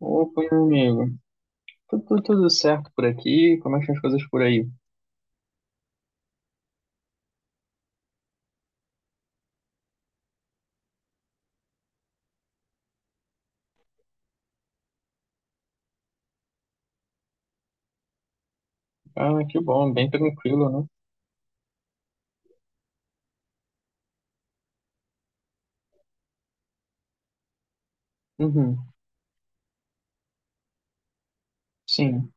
Opa, meu amigo. Tudo certo por aqui? Como é que estão as coisas por aí? Ah, que bom, bem tranquilo, né? Uhum. Sim,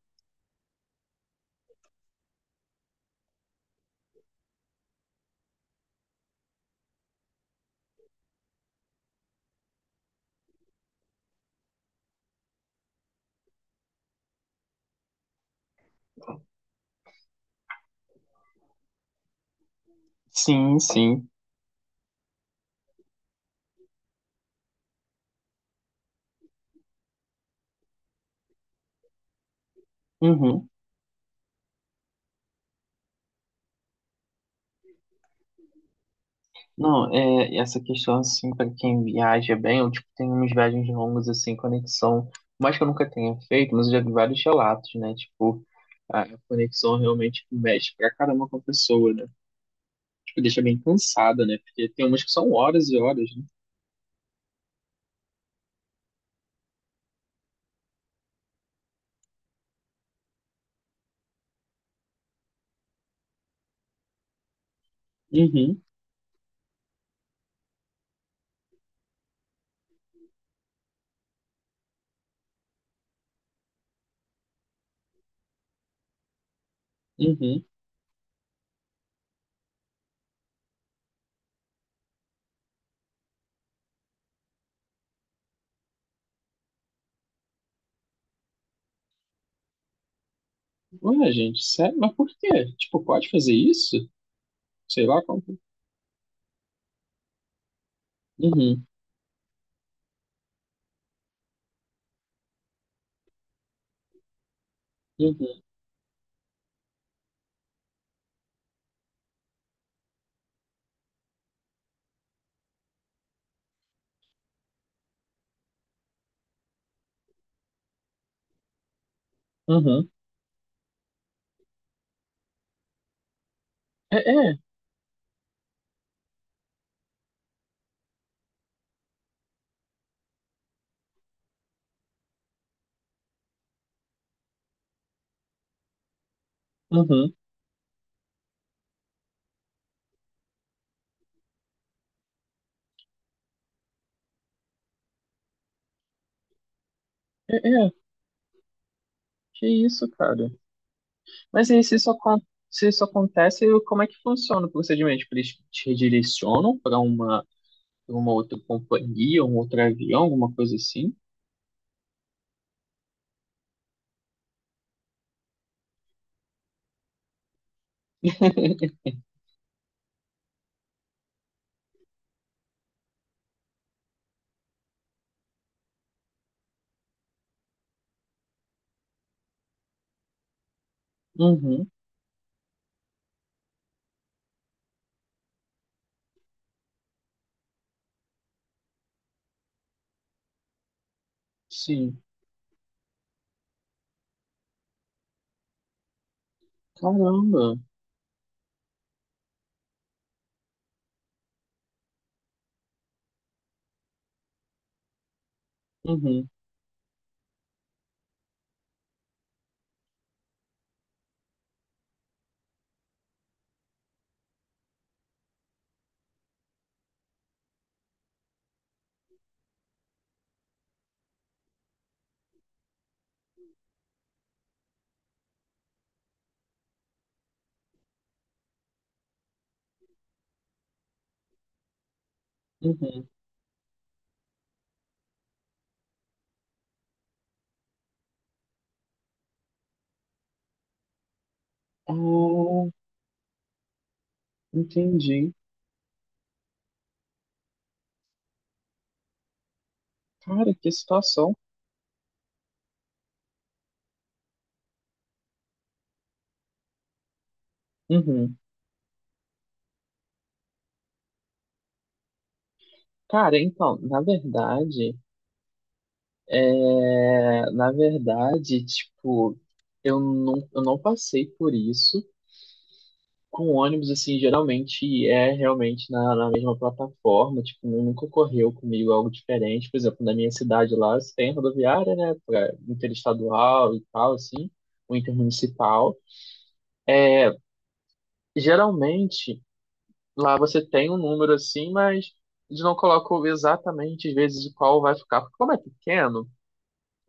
sim, sim. Uhum. Não, é, essa questão, assim, para quem viaja bem, eu, tipo, tenho umas viagens longas, assim, conexão, por mais que eu nunca tenha feito, mas eu já vi vários relatos, né? Tipo, a conexão realmente mexe pra caramba com a pessoa, né? Tipo, deixa bem cansada, né? Porque tem umas que são horas e horas, né? Uhum, uhum. Ué, gente, sério? Mas por quê? Tipo, pode fazer isso? Sei lá como. Uhum, uhum, uhum. É, é, uhum, é, é. Que isso, cara? Mas aí, se isso, se isso acontece, como é que funciona o procedimento? Tipo, eles te redirecionam pra uma outra companhia, um outro avião, alguma coisa assim? Uhum, sim. Caramba. Uhum, uhum. Ah, entendi. Cara, que situação. Uhum. Cara, então, na verdade. É, na verdade, tipo, eu não passei por isso. Com ônibus, assim, geralmente é realmente na mesma plataforma, tipo, nunca ocorreu comigo algo diferente. Por exemplo, na minha cidade lá, você tem rodoviária, né, pra interestadual e tal, assim, ou intermunicipal. Geralmente, lá você tem um número assim, mas eles não colocam exatamente, às vezes, qual vai ficar, porque como é pequeno.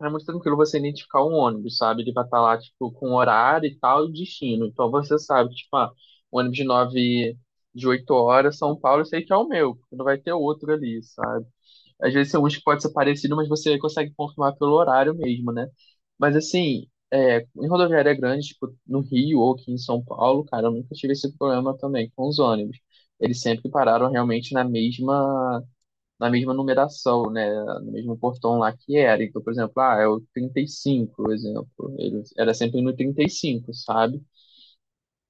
É muito tranquilo você identificar um ônibus, sabe? Ele vai estar lá, tipo, com horário e tal, e destino. Então você sabe, tipo, ah, o ônibus de nove, de 8 horas, São Paulo, eu sei que é o meu, porque não vai ter outro ali, sabe? Às vezes tem uns que pode ser parecido, mas você consegue confirmar pelo horário mesmo, né? Mas assim, é, em rodoviária grande, tipo, no Rio ou aqui em São Paulo, cara, eu nunca tive esse problema também com os ônibus. Eles sempre pararam realmente na mesma numeração, né? No mesmo portão lá que era. Então, por exemplo, ah, é o 35, por exemplo. Ele era sempre no 35, sabe?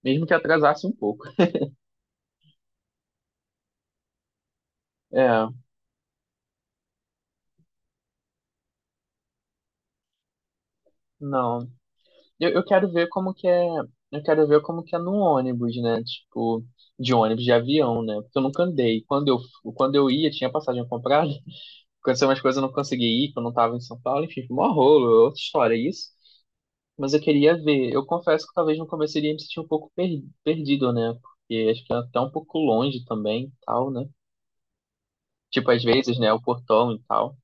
Mesmo que atrasasse um pouco. É, não. Eu quero ver como que é. Eu quero ver como que é no ônibus, né? Tipo, de ônibus, de avião, né? Porque eu nunca andei. Quando eu ia, tinha passagem comprada. Aconteceu umas coisas, eu não consegui ir, porque eu não tava em São Paulo. Enfim, foi mó rolo, outra história. Isso. Mas eu queria ver. Eu confesso que talvez no começo eu iria me sentir um pouco perdido, né? Porque acho que é até um pouco longe também, tal, né? Tipo, às vezes, né? O portão e tal.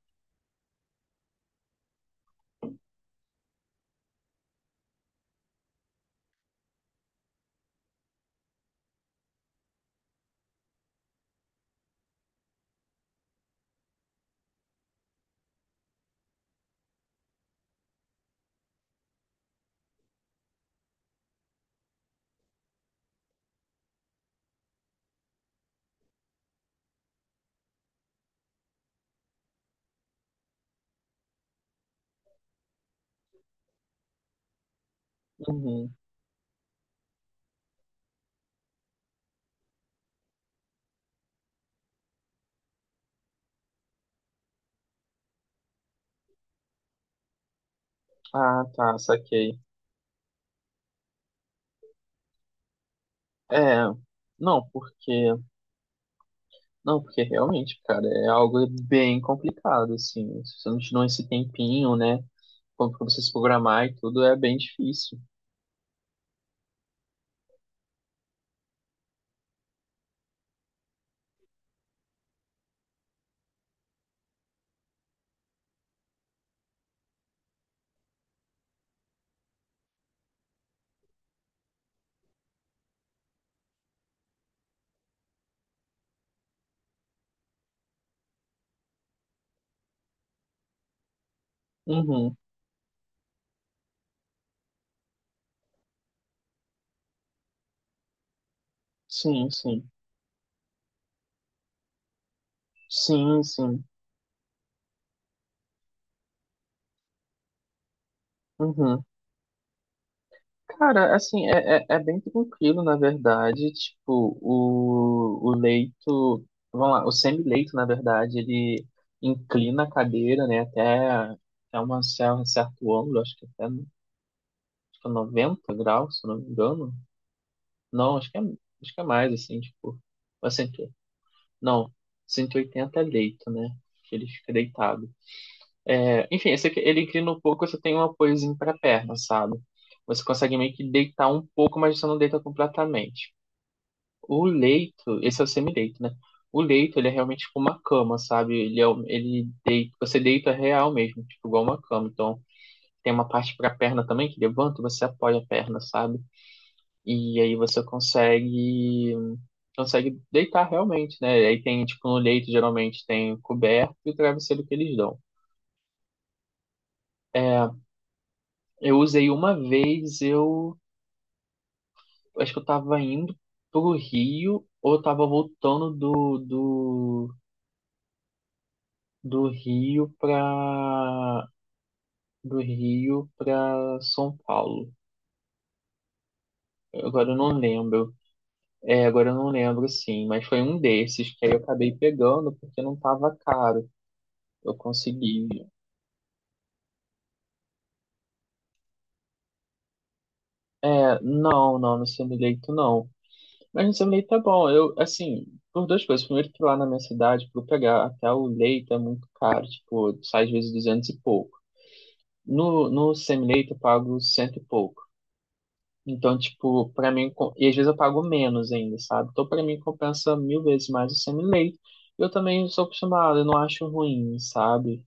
Uhum. Ah, tá, saquei. É, não, porque. Não, porque realmente, cara, é algo bem complicado, assim. Se você não tirar esse tempinho, né? Como pra você se programar e tudo, é bem difícil. Uhum. Sim, sim. Sim, sim. Uhum. Cara, assim, é bem tranquilo, na verdade. Tipo, o leito, vamos lá, o semi-leito, na verdade, ele inclina a cadeira, né, até uma, um certo ângulo, acho que até acho que é 90 graus, se não me engano. Não, acho que é mais, assim, tipo, mas não, 180 é leito, né, que ele fica deitado. É, enfim, esse aqui, ele inclina um pouco, você tem um apoiozinho para a perna, sabe? Você consegue meio que deitar um pouco, mas você não deita completamente. O leito, esse é o semileito, né? O leito, ele é realmente tipo uma cama, sabe? Ele, ele deita, você deita real mesmo, tipo igual uma cama. Então, tem uma parte para a perna também que levanta, você apoia a perna, sabe? E aí você consegue deitar realmente, né? Aí tem, tipo, no leito geralmente tem coberto e o travesseiro que eles dão. É, eu usei uma vez, eu acho que eu tava indo pro Rio ou eu tava voltando do Rio pra do Rio pra São Paulo. Agora eu não lembro. É, agora eu não lembro sim, mas foi um desses que aí eu acabei pegando porque não tava caro. Eu consegui. É, não, não, no semi-leito não. Mas no seu leite tá bom. Eu, assim, por duas coisas. Primeiro que lá na minha cidade, para pegar até o leite é muito caro. Tipo, sai às vezes 200 e pouco. No semi-leite eu pago cento e pouco. Então, tipo, para mim. E às vezes eu pago menos ainda, sabe? Então, para mim, compensa mil vezes mais o semi-leite. Eu também sou acostumado, eu não acho ruim, sabe?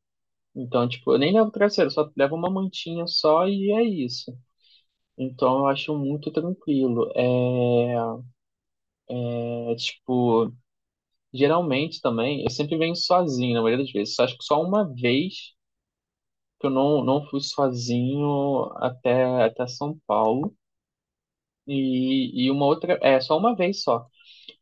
Então, tipo, eu nem levo travesseiro, eu só levo uma mantinha só e é isso. Então, eu acho muito tranquilo. É, é tipo. Geralmente também, eu sempre venho sozinho, na maioria das vezes. Acho que só uma vez que eu não fui sozinho até São Paulo. E uma outra, é, só uma vez só.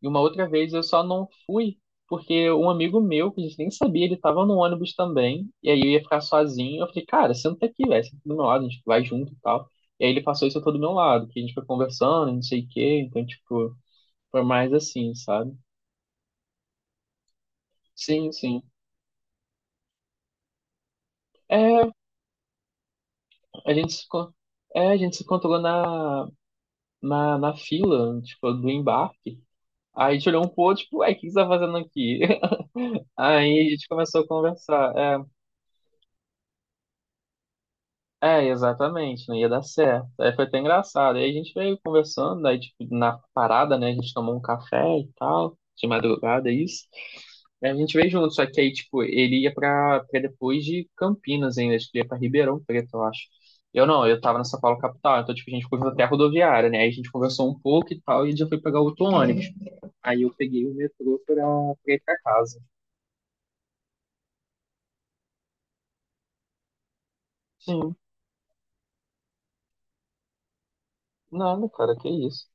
E uma outra vez eu só não fui porque um amigo meu, que a gente nem sabia, ele tava no ônibus também. E aí eu ia ficar sozinho. Eu falei, cara, senta aqui, velho, senta do meu lado, a gente vai junto e tal. E aí ele passou isso todo do meu lado, que a gente foi conversando, não sei o quê. Então, tipo, foi mais assim, sabe? Sim, sim. É. A gente se, con- a gente se encontrou na fila, tipo, do embarque. Aí a gente olhou um pouco, tipo, ué, o que você tá fazendo aqui? Aí a gente começou a conversar. É. É, exatamente, não ia dar certo. Aí foi até engraçado. Aí a gente veio conversando, aí tipo, na parada, né, a gente tomou um café e tal, de madrugada, isso. Aí a gente veio junto, só que aí, tipo, ele ia pra depois de Campinas ainda, acho que ele ia pra Ribeirão Preto, eu acho. Eu não, eu tava na São Paulo capital, então, tipo, a gente foi até a rodoviária, né, aí a gente conversou um pouco e tal, e já foi pegar outro ônibus. Aí eu peguei o metrô pra ir pra casa. Sim, nada, cara, que isso.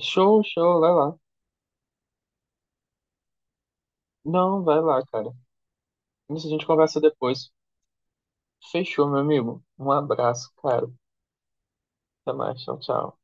Show, show, vai lá. Não, vai lá, cara. Isso a gente conversa depois. Fechou, meu amigo. Um abraço, cara. Até mais. Tchau, tchau.